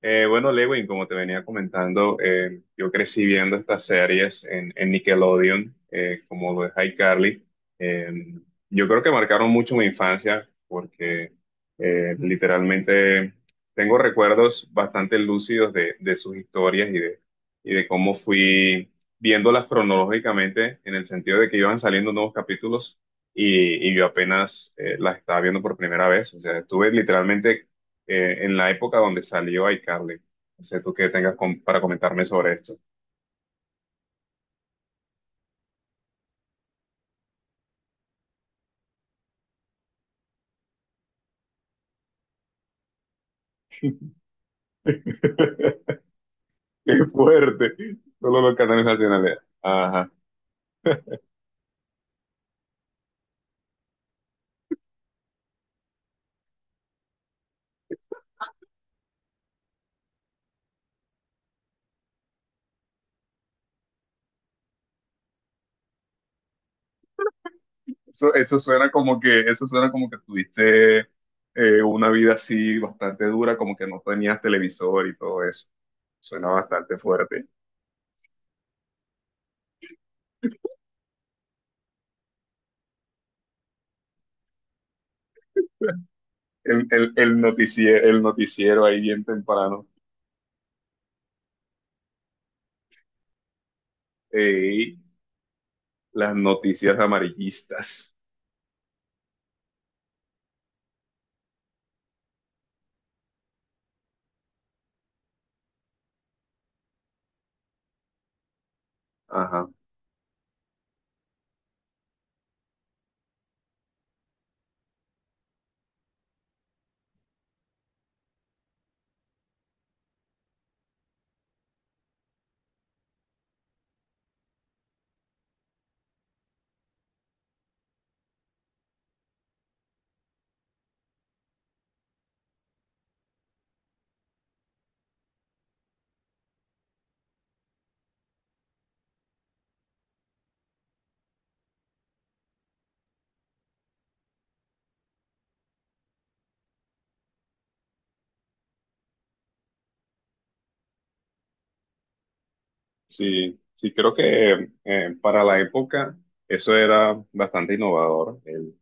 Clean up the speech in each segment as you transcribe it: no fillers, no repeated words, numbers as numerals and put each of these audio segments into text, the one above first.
Bueno, Lewin, como te venía comentando, yo crecí viendo estas series en Nickelodeon, como lo de iCarly. Eh, yo creo que marcaron mucho mi infancia porque literalmente tengo recuerdos bastante lúcidos de sus historias y de cómo fui viéndolas cronológicamente en el sentido de que iban saliendo nuevos capítulos y yo apenas las estaba viendo por primera vez. O sea, estuve literalmente en la época donde salió iCarly. No sé tú qué tengas para comentarme sobre esto. Qué fuerte. Solo los canales nacionales. Ajá. Eso suena como que, eso suena como que tuviste una vida así bastante dura, como que no tenías televisor y todo eso. Suena bastante fuerte. El noticiero ahí bien temprano. Ey, las noticias amarillistas. Ajá. Sí, sí, creo que para la época eso era bastante innovador, el,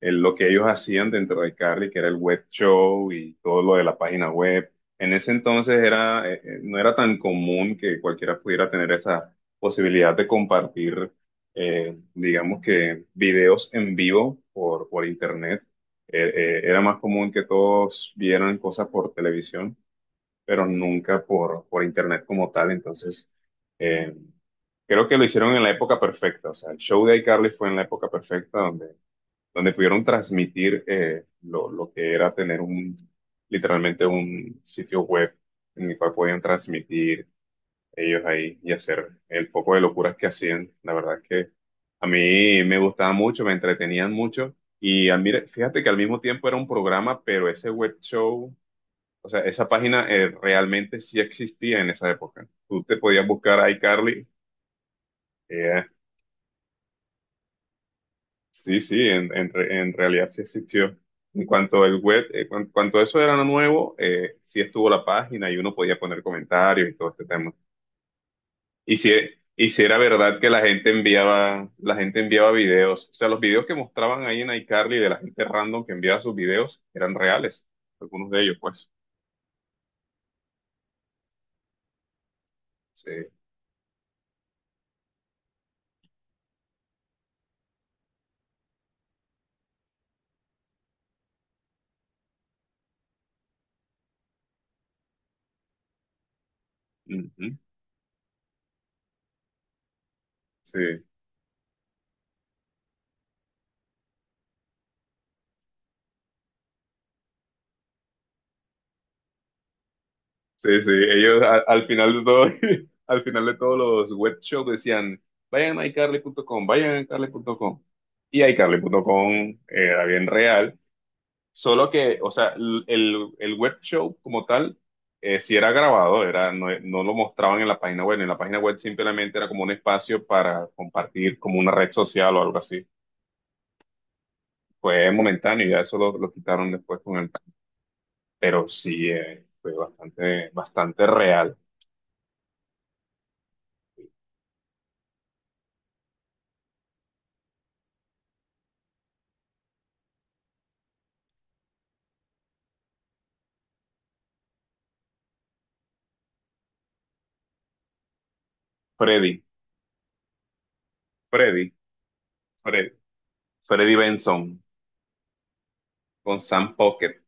lo que ellos hacían dentro de Carly, que era el web show y todo lo de la página web. En ese entonces era, no era tan común que cualquiera pudiera tener esa posibilidad de compartir, digamos que, videos en vivo por internet. Era más común que todos vieran cosas por televisión pero nunca por, por internet como tal. Entonces, eh, creo que lo hicieron en la época perfecta. O sea, el show de iCarly fue en la época perfecta donde, donde pudieron transmitir lo que era tener un, literalmente un sitio web en el cual podían transmitir ellos ahí y hacer el poco de locuras que hacían. La verdad es que a mí me gustaba mucho, me entretenían mucho. Y fíjate que al mismo tiempo era un programa, pero ese web show, o sea, esa página realmente sí existía en esa época. Tú te podías buscar a iCarly. eh, sí, sí, en, en realidad sí existió. En cuanto el web, cuanto eso era nuevo, sí estuvo la página y uno podía poner comentarios y todo este tema. Y si, y si era verdad que la gente enviaba videos. O sea, los videos que mostraban ahí en iCarly de la gente random que enviaba sus videos eran reales. Algunos de ellos, pues. Sí. Ujú. Sí. Sí, sí, ellos al final de todo, al final de todos los web shows decían, vayan a iCarly.com, vayan a iCarly.com. Y iCarly.com era bien real, solo que, o sea, el web show como tal, sí era grabado, era, no, no lo mostraban en la página web, en la página web simplemente era como un espacio para compartir como una red social o algo así. Fue momentáneo, y ya eso lo quitaron después con el... Pero sí, fue bastante, bastante real. Freddy, Freddy. Freddy. Freddy Benson con Sam Pocket.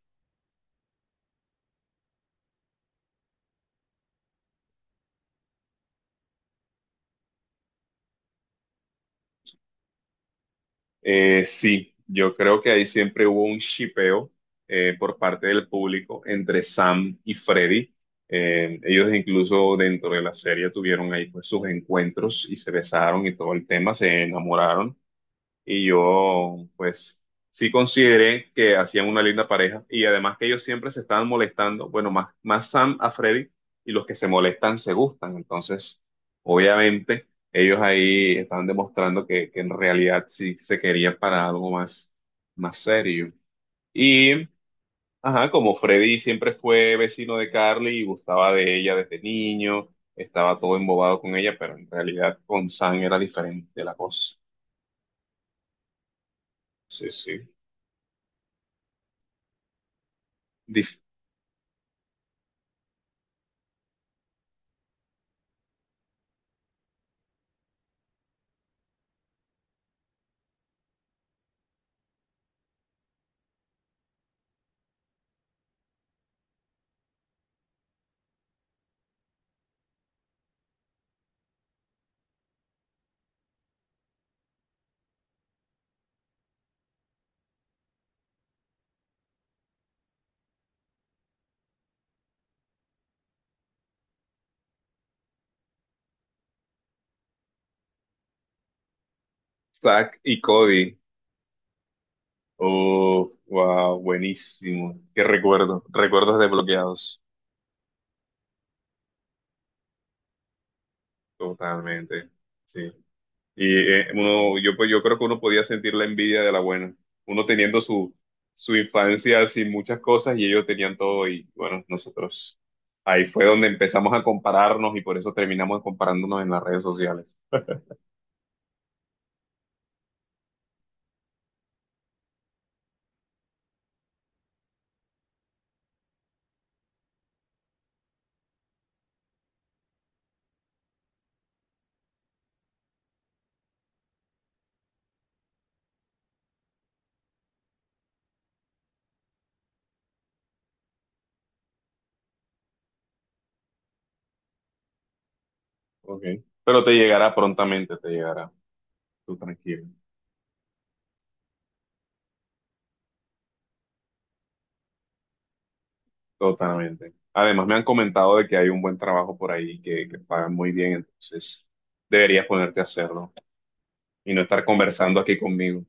Sí, yo creo que ahí siempre hubo un shipeo por parte del público entre Sam y Freddy. Ellos incluso dentro de la serie tuvieron ahí pues sus encuentros y se besaron y todo el tema, se enamoraron. Y yo pues sí consideré que hacían una linda pareja y además que ellos siempre se estaban molestando, bueno, más, más Sam a Freddy y los que se molestan se gustan, entonces obviamente ellos ahí estaban demostrando que en realidad sí se querían para algo más, más serio. Y, ajá, como Freddy siempre fue vecino de Carly y gustaba de ella desde niño. Estaba todo embobado con ella, pero en realidad con Sam era diferente la cosa. Sí, sí. Dif- Zack y Cody. Oh, wow, buenísimo. Qué recuerdo. Recuerdos desbloqueados. Totalmente. Sí. Y uno, yo, pues, yo creo que uno podía sentir la envidia de la buena. Uno teniendo su, su infancia sin muchas cosas y ellos tenían todo y bueno, nosotros. Ahí fue donde empezamos a compararnos y por eso terminamos comparándonos en las redes sociales. Okay. Pero te llegará prontamente, te llegará. Tú tranquilo. Totalmente. Además, me han comentado de que hay un buen trabajo por ahí que pagan muy bien, entonces deberías ponerte a hacerlo y no estar conversando aquí conmigo.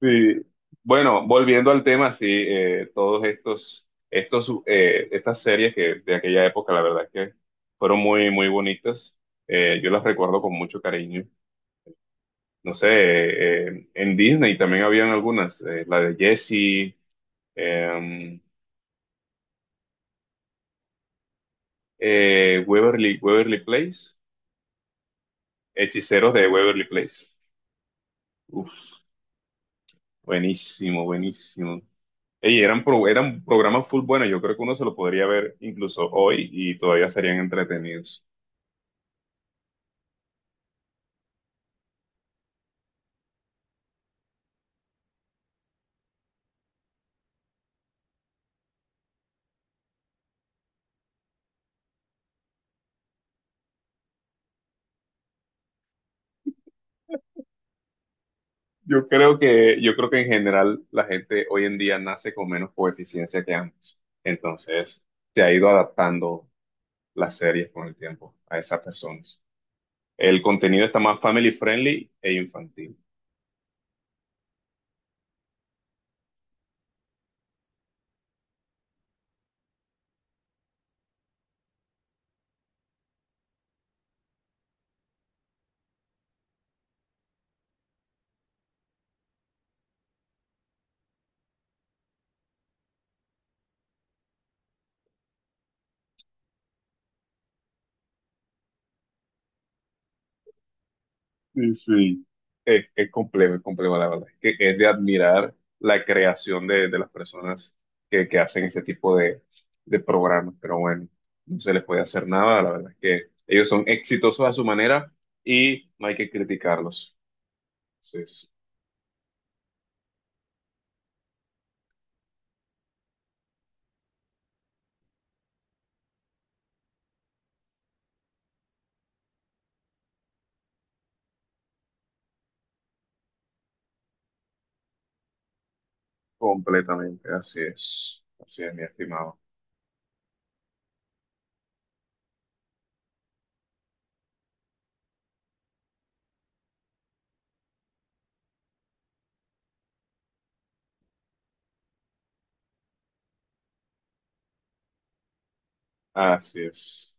Sí. Bueno, volviendo al tema, sí, todos estos, estos, estas series que de aquella época, la verdad es que fueron muy, muy bonitas. Yo las recuerdo con mucho cariño. No sé, en Disney también habían algunas, la de Jessie, em, Waverly, Waverly Place. Hechiceros de Waverly Place. Uf, buenísimo, buenísimo. Ey, eran, eran programas full buenos. Yo creo que uno se lo podría ver incluso hoy y todavía serían entretenidos. Yo creo que en general la gente hoy en día nace con menos coeficiencia que antes. Entonces, se ha ido adaptando las series con el tiempo a esas personas. El contenido está más family friendly e infantil. Sí, sí. Es complejo, la verdad. Es que es de admirar la creación de las personas que hacen ese tipo de programas, pero bueno, no se les puede hacer nada, la verdad es que ellos son exitosos a su manera y no hay que criticarlos. Así es, completamente, así es, mi estimado, así es.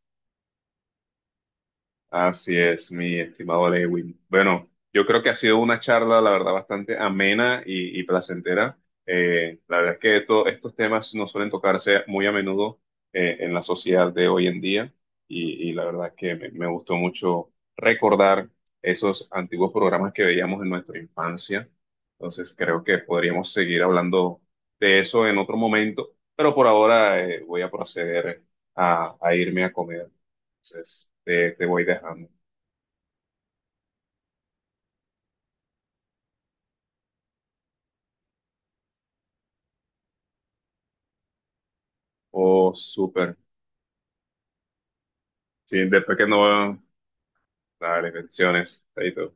Así es, mi estimado Lewin. Bueno, yo creo que ha sido una charla, la verdad, bastante amena y placentera. La verdad es que estos temas no suelen tocarse muy a menudo en la sociedad de hoy en día y la verdad es que me gustó mucho recordar esos antiguos programas que veíamos en nuestra infancia. Entonces, creo que podríamos seguir hablando de eso en otro momento, pero por ahora voy a proceder a irme a comer. Entonces, te voy dejando. Oh, súper. Sí, después que no... Dale, bendiciones. Chaito.